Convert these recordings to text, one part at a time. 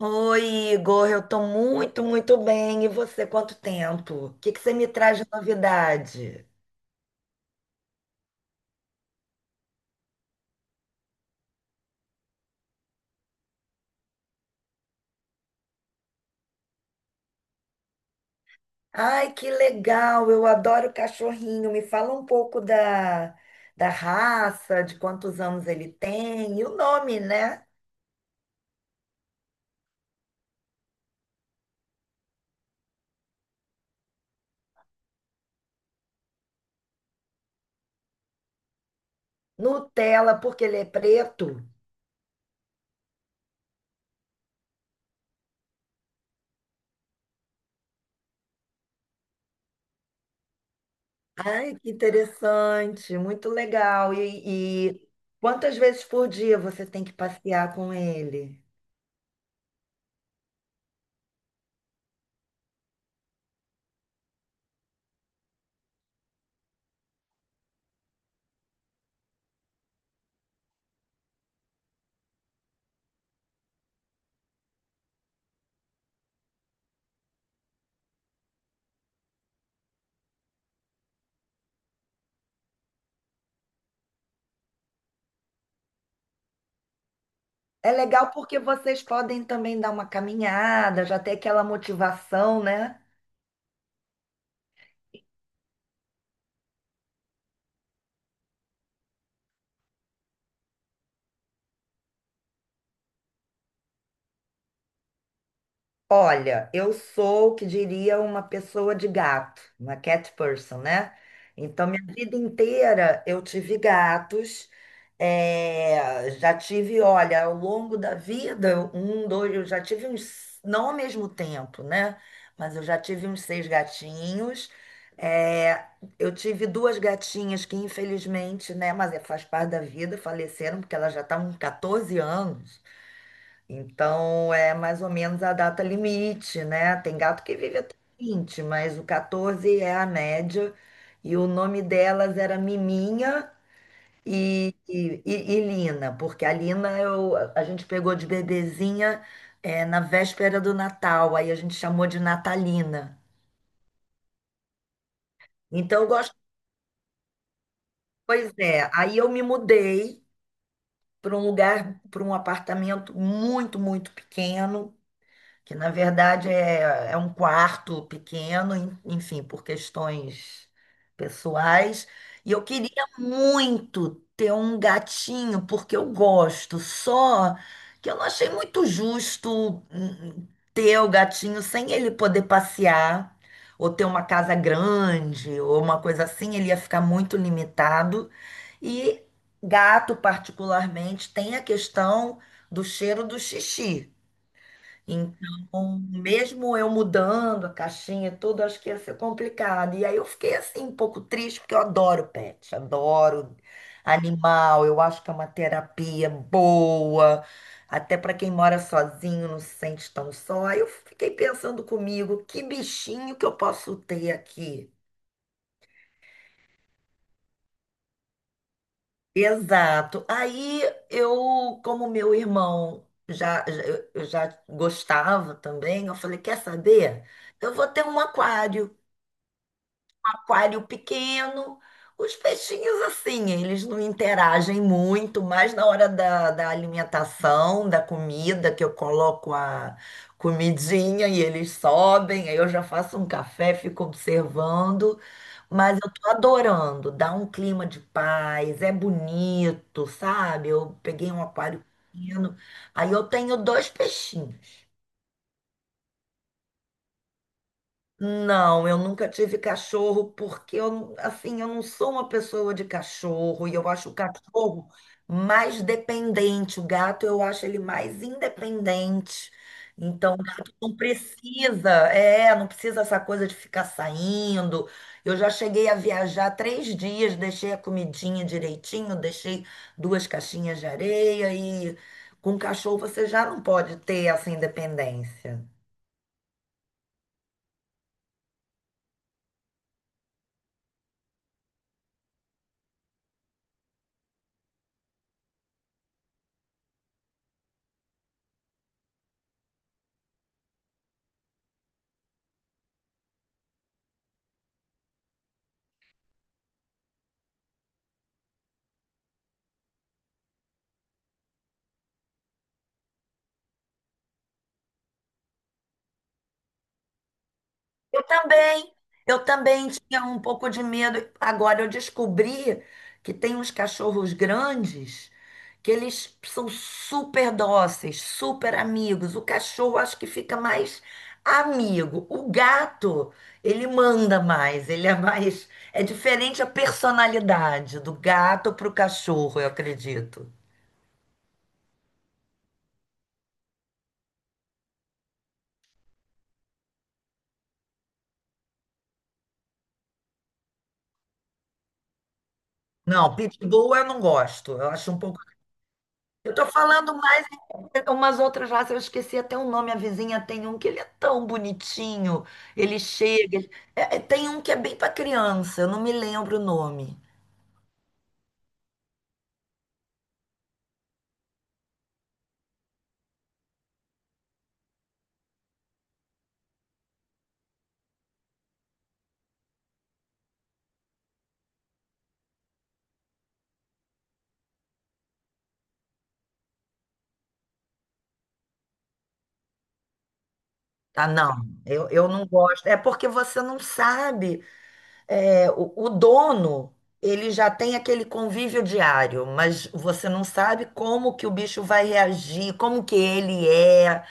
Oi, Igor, eu tô muito, muito bem. E você, quanto tempo? O que que você me traz de novidade? Ai, que legal! Eu adoro cachorrinho. Me fala um pouco da raça, de quantos anos ele tem e o nome, né? Nutella, porque ele é preto. Ai, que interessante, muito legal. E quantas vezes por dia você tem que passear com ele? É legal porque vocês podem também dar uma caminhada, já ter aquela motivação, né? Olha, eu sou o que diria uma pessoa de gato, uma cat person, né? Então, minha vida inteira eu tive gatos, já tive, olha, ao longo da vida, um, dois, eu já tive uns, não ao mesmo tempo, né? Mas eu já tive uns seis gatinhos. eh, eu tive duas gatinhas que, infelizmente, né? Mas faz parte da vida, faleceram, porque elas já estavam com 14 anos. Então é mais ou menos a data limite, né? Tem gato que vive até 20, mas o 14 é a média. E o nome delas era Miminha e Lina, porque a Lina a gente pegou de bebezinha na véspera do Natal, aí a gente chamou de Natalina. Então eu gosto, pois é, aí eu me mudei para um lugar, para um apartamento muito, muito pequeno que na verdade é um quarto pequeno, enfim, por questões pessoais. E eu queria muito ter um gatinho, porque eu gosto, só que eu não achei muito justo, ter o gatinho sem ele poder passear. Ou ter uma casa grande, ou uma coisa assim, ele ia ficar muito limitado. E gato, particularmente, tem a questão do cheiro do xixi. Então, mesmo eu mudando a caixinha, e tudo, acho que ia ser complicado. E aí eu fiquei assim, um pouco triste, porque eu adoro pet, adoro animal, eu acho que é uma terapia boa, até para quem mora sozinho, não se sente tão só. Aí eu fiquei pensando comigo, que bichinho que eu posso ter aqui? Exato. Aí como meu irmão eu já gostava também, eu falei, quer saber? Eu vou ter um aquário. Aquário pequeno. Os peixinhos, assim, eles não interagem muito, mas na hora da alimentação, da comida, que eu coloco a comidinha e eles sobem, aí eu já faço um café, fico observando. Mas eu tô adorando, dá um clima de paz, é bonito, sabe? Eu peguei um aquário pequeno, aí eu tenho dois peixinhos. Não, eu nunca tive cachorro porque eu, assim, eu não sou uma pessoa de cachorro e eu acho o cachorro mais dependente. O gato eu acho ele mais independente. Então, o gato não precisa essa coisa de ficar saindo. Eu já cheguei a viajar 3 dias, deixei a comidinha direitinho, deixei duas caixinhas de areia e com cachorro você já não pode ter essa independência. Eu também, eu também tinha um pouco de medo. Agora eu descobri que tem uns cachorros grandes que eles são super dóceis, super amigos. O cachorro acho que fica mais amigo. O gato, ele manda mais, ele é mais. É diferente a personalidade do gato para o cachorro, eu acredito. Não, pitbull eu não gosto. Eu acho um pouco. Eu tô falando umas outras raças, eu esqueci até o nome, a vizinha tem um que ele é tão bonitinho, ele chega, tem um que é bem para criança, eu não me lembro o nome. Ah, não, eu não gosto. É porque você não sabe, o dono, ele já tem aquele convívio diário, mas você não sabe como que o bicho vai reagir, como que ele é,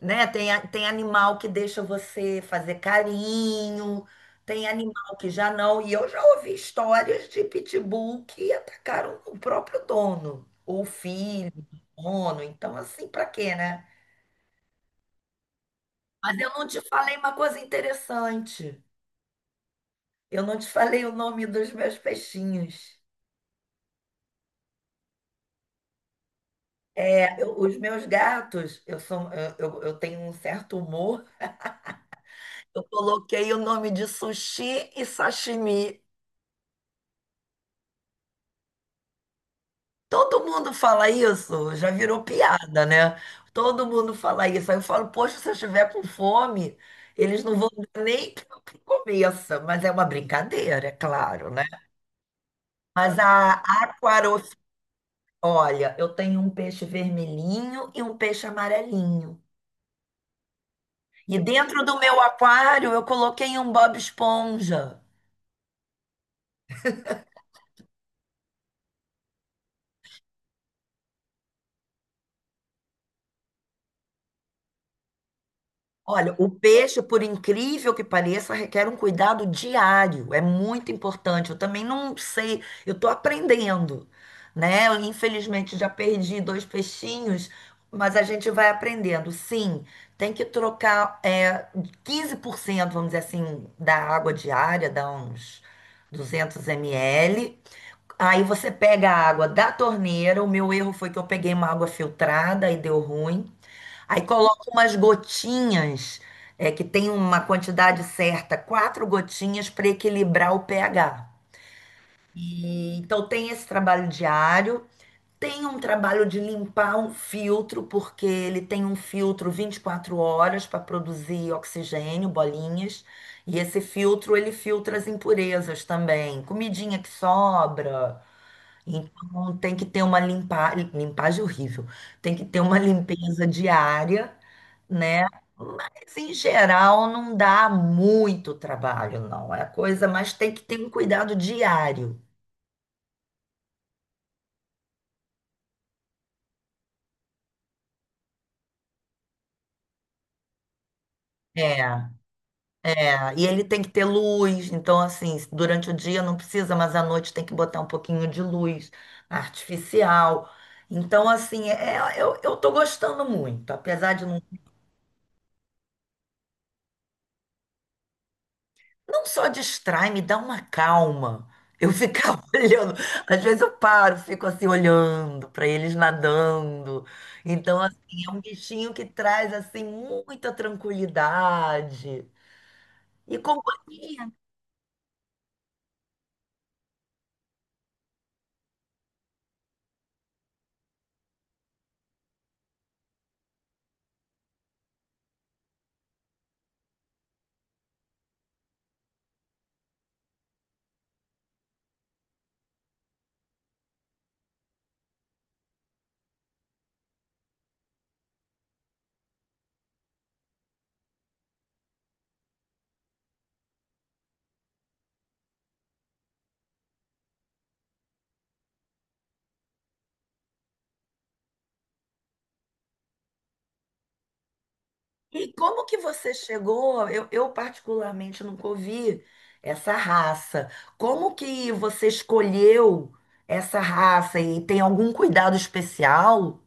né? Tem animal que deixa você fazer carinho, tem animal que já não. E eu já ouvi histórias de pitbull que atacaram o próprio dono, ou o filho do dono. Então, assim, pra quê, né? Mas eu não te falei uma coisa interessante. Eu não te falei o nome dos meus peixinhos. É, os meus gatos, eu tenho um certo humor. Eu coloquei o nome de sushi e sashimi. Todo mundo fala isso, já virou piada, né? Todo mundo fala isso. Aí eu falo, poxa, se eu estiver com fome, eles não vão dar nem que eu começa. Mas é uma brincadeira, é claro, né? Mas aquarofi, olha, eu tenho um peixe vermelhinho e um peixe amarelinho. E dentro do meu aquário eu coloquei um Bob Esponja. Olha, o peixe, por incrível que pareça, requer um cuidado diário. É muito importante. Eu também não sei, eu estou aprendendo, né? Eu, infelizmente já perdi dois peixinhos, mas a gente vai aprendendo. Sim, tem que trocar, 15%, vamos dizer assim, da água diária, dá uns 200 ml. Aí você pega a água da torneira. O meu erro foi que eu peguei uma água filtrada e deu ruim. Aí coloca umas gotinhas, é, que tem uma quantidade certa, quatro gotinhas para equilibrar o pH. E, então tem esse trabalho diário, tem um trabalho de limpar um filtro, porque ele tem um filtro 24 horas para produzir oxigênio, bolinhas, e esse filtro ele filtra as impurezas também, comidinha que sobra. Então tem que ter uma limpa... limpagem horrível, tem que ter uma limpeza diária, né? Mas em geral não dá muito trabalho, não. É coisa, mas tem que ter um cuidado diário. É, é. E ele tem que ter luz, então assim, durante o dia não precisa, mas à noite tem que botar um pouquinho de luz artificial. Então, assim, eu tô gostando muito, apesar de não, não só distrai, me dá uma calma. Eu ficava olhando, às vezes eu paro, fico assim olhando para eles nadando. Então, assim, é um bichinho que traz assim muita tranquilidade e companhia. E como que você chegou? Eu particularmente nunca ouvi essa raça. Como que você escolheu essa raça e tem algum cuidado especial?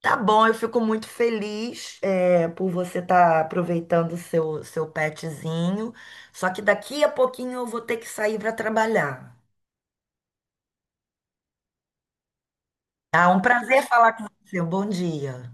Tá bom, eu fico muito feliz, é, por você estar aproveitando o seu petzinho. Só que daqui a pouquinho eu vou ter que sair para trabalhar. Tá? Um prazer falar com você. Um bom dia.